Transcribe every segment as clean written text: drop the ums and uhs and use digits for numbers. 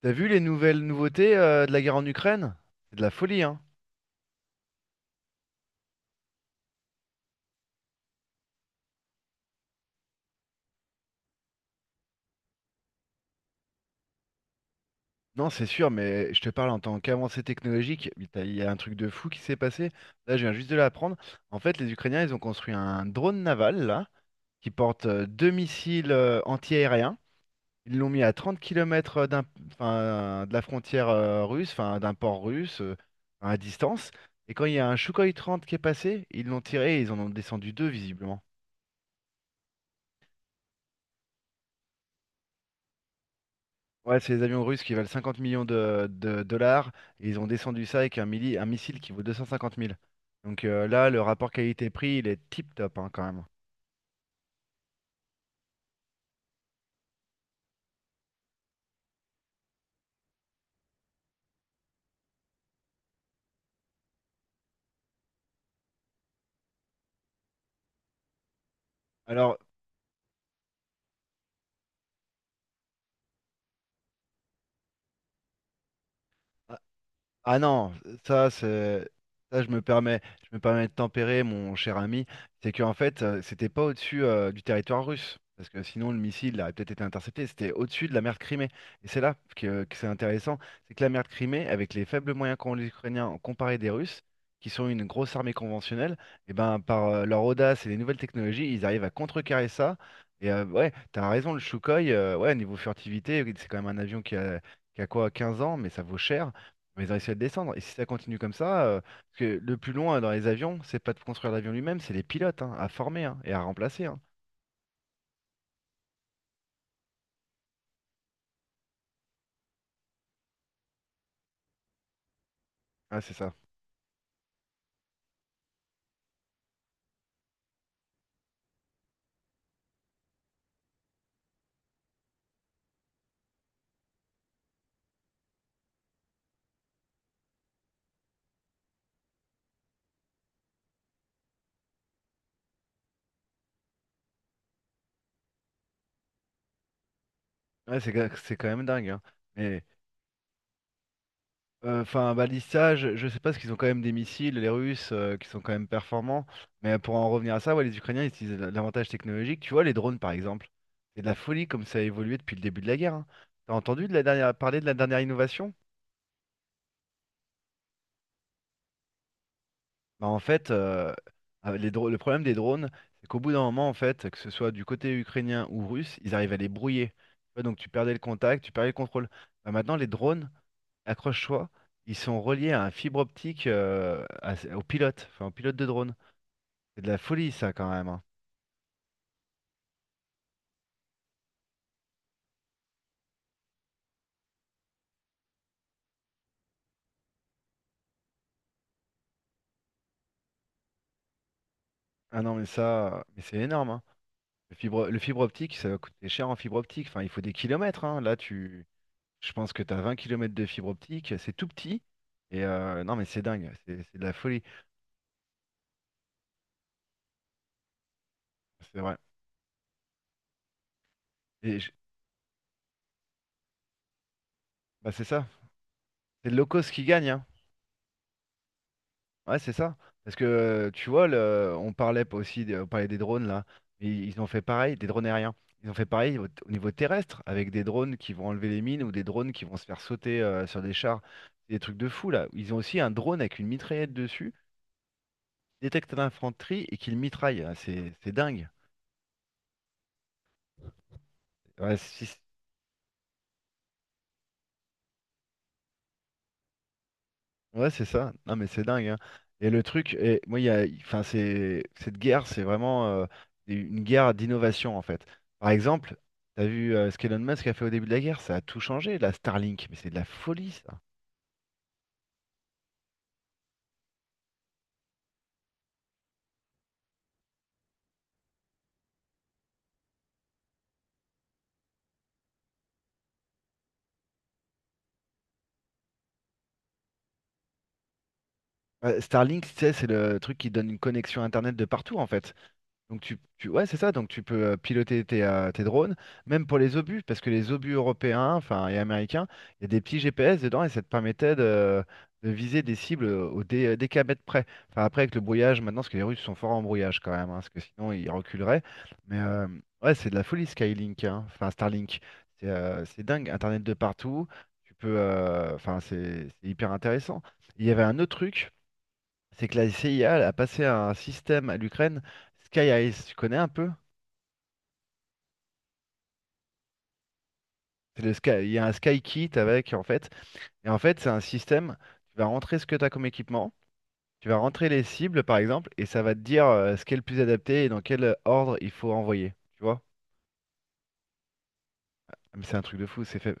T'as vu les nouvelles nouveautés de la guerre en Ukraine? C'est de la folie, hein? Non, c'est sûr, mais je te parle en tant qu'avancée technologique. Il y a un truc de fou qui s'est passé. Là, je viens juste de l'apprendre. En fait, les Ukrainiens, ils ont construit un drone naval, là, qui porte 2 missiles anti-aériens. Ils l'ont mis à 30 kilomètres enfin, de la frontière russe, enfin, d'un port russe, à distance. Et quand il y a un Sukhoi 30 qui est passé, ils l'ont tiré et ils en ont descendu deux, visiblement. Ouais, c'est les avions russes qui valent 50 millions de dollars. Et ils ont descendu ça avec un missile qui vaut 250 000. Donc là, le rapport qualité-prix, il est tip-top, hein, quand même. Alors, Ah non, ça, c'est... Ça, je me permets, de tempérer, mon cher ami. C'était pas au-dessus du territoire russe. Parce que sinon, le missile aurait peut-être été intercepté. C'était au-dessus de la mer de Crimée. Et c'est là que c'est intéressant. C'est que la mer de Crimée, avec les faibles moyens qu'ont les Ukrainiens en comparé des Russes, qui sont une grosse armée conventionnelle, et ben, par leur audace et les nouvelles technologies, ils arrivent à contrecarrer ça. Et ouais, t'as raison, le Sukhoi, ouais, niveau furtivité, oui, c'est quand même un avion qui a quoi, 15 ans, mais ça vaut cher. Mais ils ont réussi à le descendre. Et si ça continue comme ça, parce que le plus long dans les avions, c'est pas de construire l'avion lui-même, c'est les pilotes, hein, à former, hein, et à remplacer, hein. Ouais, c'est ça. Ouais, c'est quand même dingue, hein. Mais balistage, je sais pas, parce qu'ils ont quand même des missiles, les Russes, qui sont quand même performants. Mais pour en revenir à ça, ouais, les Ukrainiens ils utilisent l'avantage technologique. Tu vois, les drones par exemple, c'est de la folie comme ça a évolué depuis le début de la guerre, hein. T'as entendu parler de la dernière innovation? Bah, en fait, les dro- Le problème des drones, c'est qu'au bout d'un moment, en fait, que ce soit du côté ukrainien ou russe, ils arrivent à les brouiller. Tu vois, donc tu perdais le contact, tu perdais le contrôle. Bah, maintenant, les drones, accroche-toi, ils sont reliés à un fibre optique au pilote, enfin au pilote de drone. C'est de la folie, ça, quand même, hein. Ah non, mais ça, mais c'est énorme, hein. Le fibre optique, ça va coûter cher en fibre optique. Enfin, il faut des kilomètres, hein. Je pense que tu as 20 kilomètres de fibre optique. C'est tout petit. Et non, mais c'est dingue. C'est de la folie. C'est vrai. Et je- Bah, c'est ça, c'est le low cost qui gagne, hein. Ouais, c'est ça. Parce que tu vois, le- on parlait pas aussi, des- on parlait des drones là, ils ont fait pareil, des drones aériens. Ils ont fait pareil au niveau terrestre, avec des drones qui vont enlever les mines ou des drones qui vont se faire sauter sur des chars. C'est des trucs de fou là. Ils ont aussi un drone avec une mitraillette dessus, détecte l'infanterie et qui le mitraille. Ah, c'est dingue. Ouais, si Ouais, c'est ça. Non, mais c'est dingue, hein. Et le truc, et moi, il y a, enfin, C'est cette guerre, c'est vraiment une guerre d'innovation en fait. Par exemple, t'as vu ce qu'Elon Musk a fait au début de la guerre, ça a tout changé. La Starlink, mais c'est de la folie ça. Starlink, tu sais, c'est le truc qui donne une connexion Internet de partout en fait. Ouais, c'est ça, donc tu peux piloter tes drones, même pour les obus, parce que les obus européens, enfin, et américains, il y a des petits GPS dedans et ça te permettait de viser des cibles au dé, des kilomètres près. Enfin, après avec le brouillage maintenant, parce que les Russes sont forts en brouillage quand même, hein, parce que sinon ils reculeraient. Mais ouais, c'est de la folie Skylink, hein. Enfin Starlink. C'est dingue, Internet de partout. Tu peux, enfin, C'est hyper intéressant. Il y avait un autre truc, c'est que la CIA elle a passé un système à l'Ukraine, Sky Ice, tu connais un peu? Il y a un Sky Kit avec, en fait. Et en fait, c'est un système, tu vas rentrer ce que tu as comme équipement, tu vas rentrer les cibles, par exemple, et ça va te dire ce qui est le plus adapté et dans quel ordre il faut envoyer. Tu vois? Ah, mais c'est un truc de fou, c'est fait.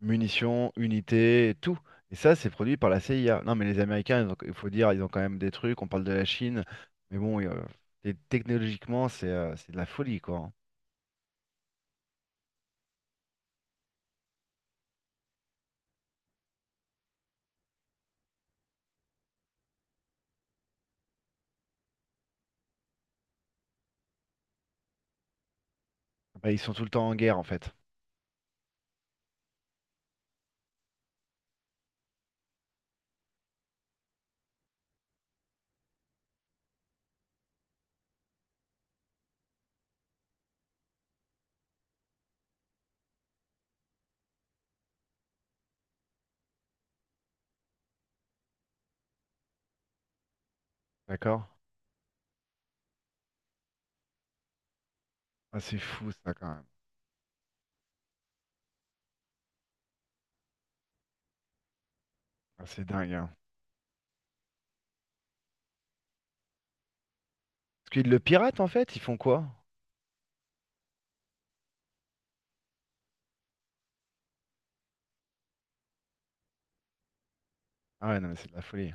Munitions, unités, tout. Et ça, c'est produit par la CIA. Non, mais les Américains, il faut dire, ils ont quand même des trucs, on parle de la Chine, mais bon, et technologiquement, c'est de la folie, quoi, hein. Bah, ils sont tout le temps en guerre, en fait. D'accord? Ah, c'est fou ça quand même. Ah, c'est dingue, hein. Parce qu'ils le piratent en fait, ils font quoi? Ah ouais, non mais c'est de la folie.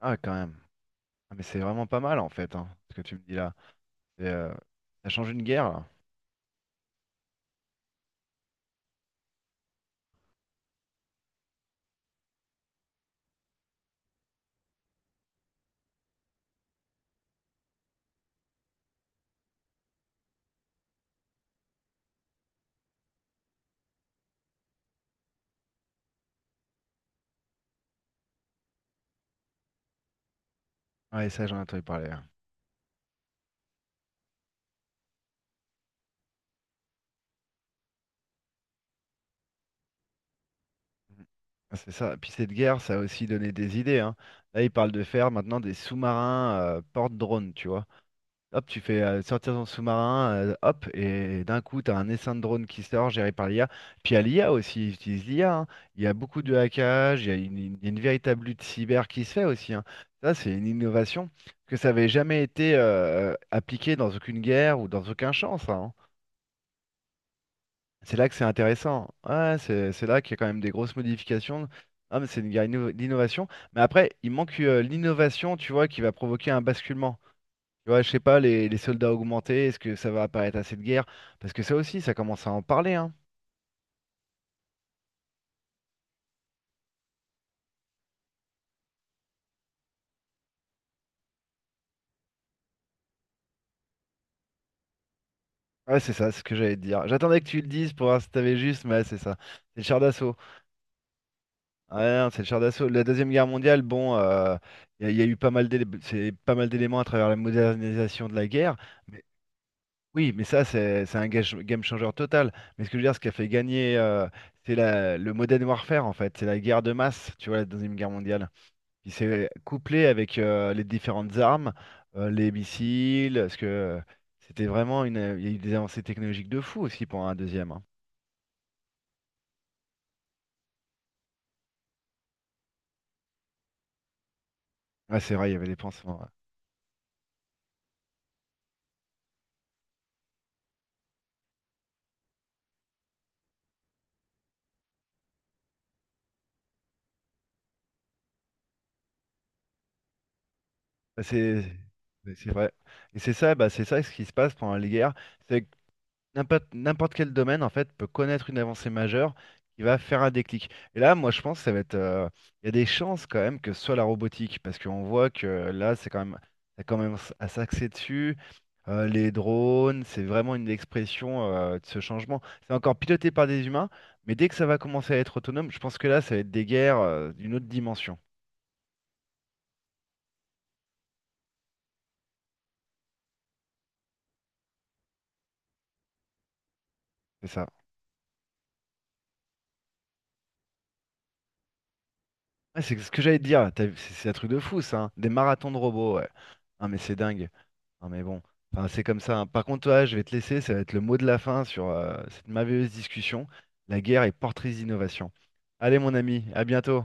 Ah ouais, quand même. Ah mais c'est vraiment pas mal en fait, hein, ce que tu me dis là. C'est, euh, Ça change une guerre là. Ah ouais, ça j'en ai entendu parler, hein. Mhm. Ah, c'est ça. Puis cette guerre, ça a aussi donné des idées, hein. Là, ils parlent de faire maintenant des sous-marins porte-drones, tu vois. Hop, tu fais sortir ton sous-marin, hop, et d'un coup, tu as un essaim de drone qui sort, géré par l'IA. Puis à l'IA aussi, ils utilisent l'IA, hein. Il y a beaucoup de hackage, il y a une véritable lutte cyber qui se fait aussi, hein. Ça, c'est une innovation que ça n'avait jamais été appliqué dans aucune guerre ou dans aucun champ, ça, hein. C'est là que c'est intéressant. Ouais, c'est là qu'il y a quand même des grosses modifications. Ah, mais c'est une guerre d'innovation. Mais après, il manque l'innovation, tu vois, qui va provoquer un basculement. Tu vois, je sais pas, les soldats augmentés, est-ce que ça va apparaître assez de guerre? Parce que ça aussi, ça commence à en parler, hein. Ouais, c'est ça, c'est ce que j'allais te dire. J'attendais que tu le dises pour voir si t'avais juste, mais ouais, c'est ça. C'est le char d'assaut. Ouais, non, c'est le char d'assaut. La Deuxième Guerre mondiale, bon, il y, a y a eu pas mal d'élé- c'est pas mal d'éléments à travers la modernisation de la guerre. Mais, oui, mais ça, c'est un game changer total. Mais ce que je veux dire, ce qui a fait gagner, c'est le modern warfare, en fait. C'est la guerre de masse, tu vois, la Deuxième Guerre mondiale. Puis c'est couplé avec les différentes armes, les missiles, parce que c'était vraiment une. Il y a eu des avancées technologiques de fou aussi pour un deuxième, hein. Ouais, c'est vrai, il y avait des pansements, ouais. Bah, c'est vrai. Et c'est ça, bah, c'est ça ce qui se passe pendant les guerres. C'est N'importe quel domaine, en fait, peut connaître une avancée majeure qui va faire un déclic. Et là, moi, je pense que ça va être. Il y a des chances quand même que ce soit la robotique, parce qu'on voit que là, c'est quand même, ça commence à s'axer dessus. Les drones, c'est vraiment une expression de ce changement. C'est encore piloté par des humains, mais dès que ça va commencer à être autonome, je pense que là, ça va être des guerres d'une autre dimension. C'est ça. Ouais, c'est ce que j'allais te dire. T'as vu, c'est un truc de fou, ça, hein. Des marathons de robots, ouais. Ah, mais c'est dingue. Ah, mais bon. Enfin, c'est comme ça, hein. Par contre, toi, je vais te laisser. Ça va être le mot de la fin sur cette merveilleuse discussion. La guerre est portrice d'innovation. Allez, mon ami, à bientôt.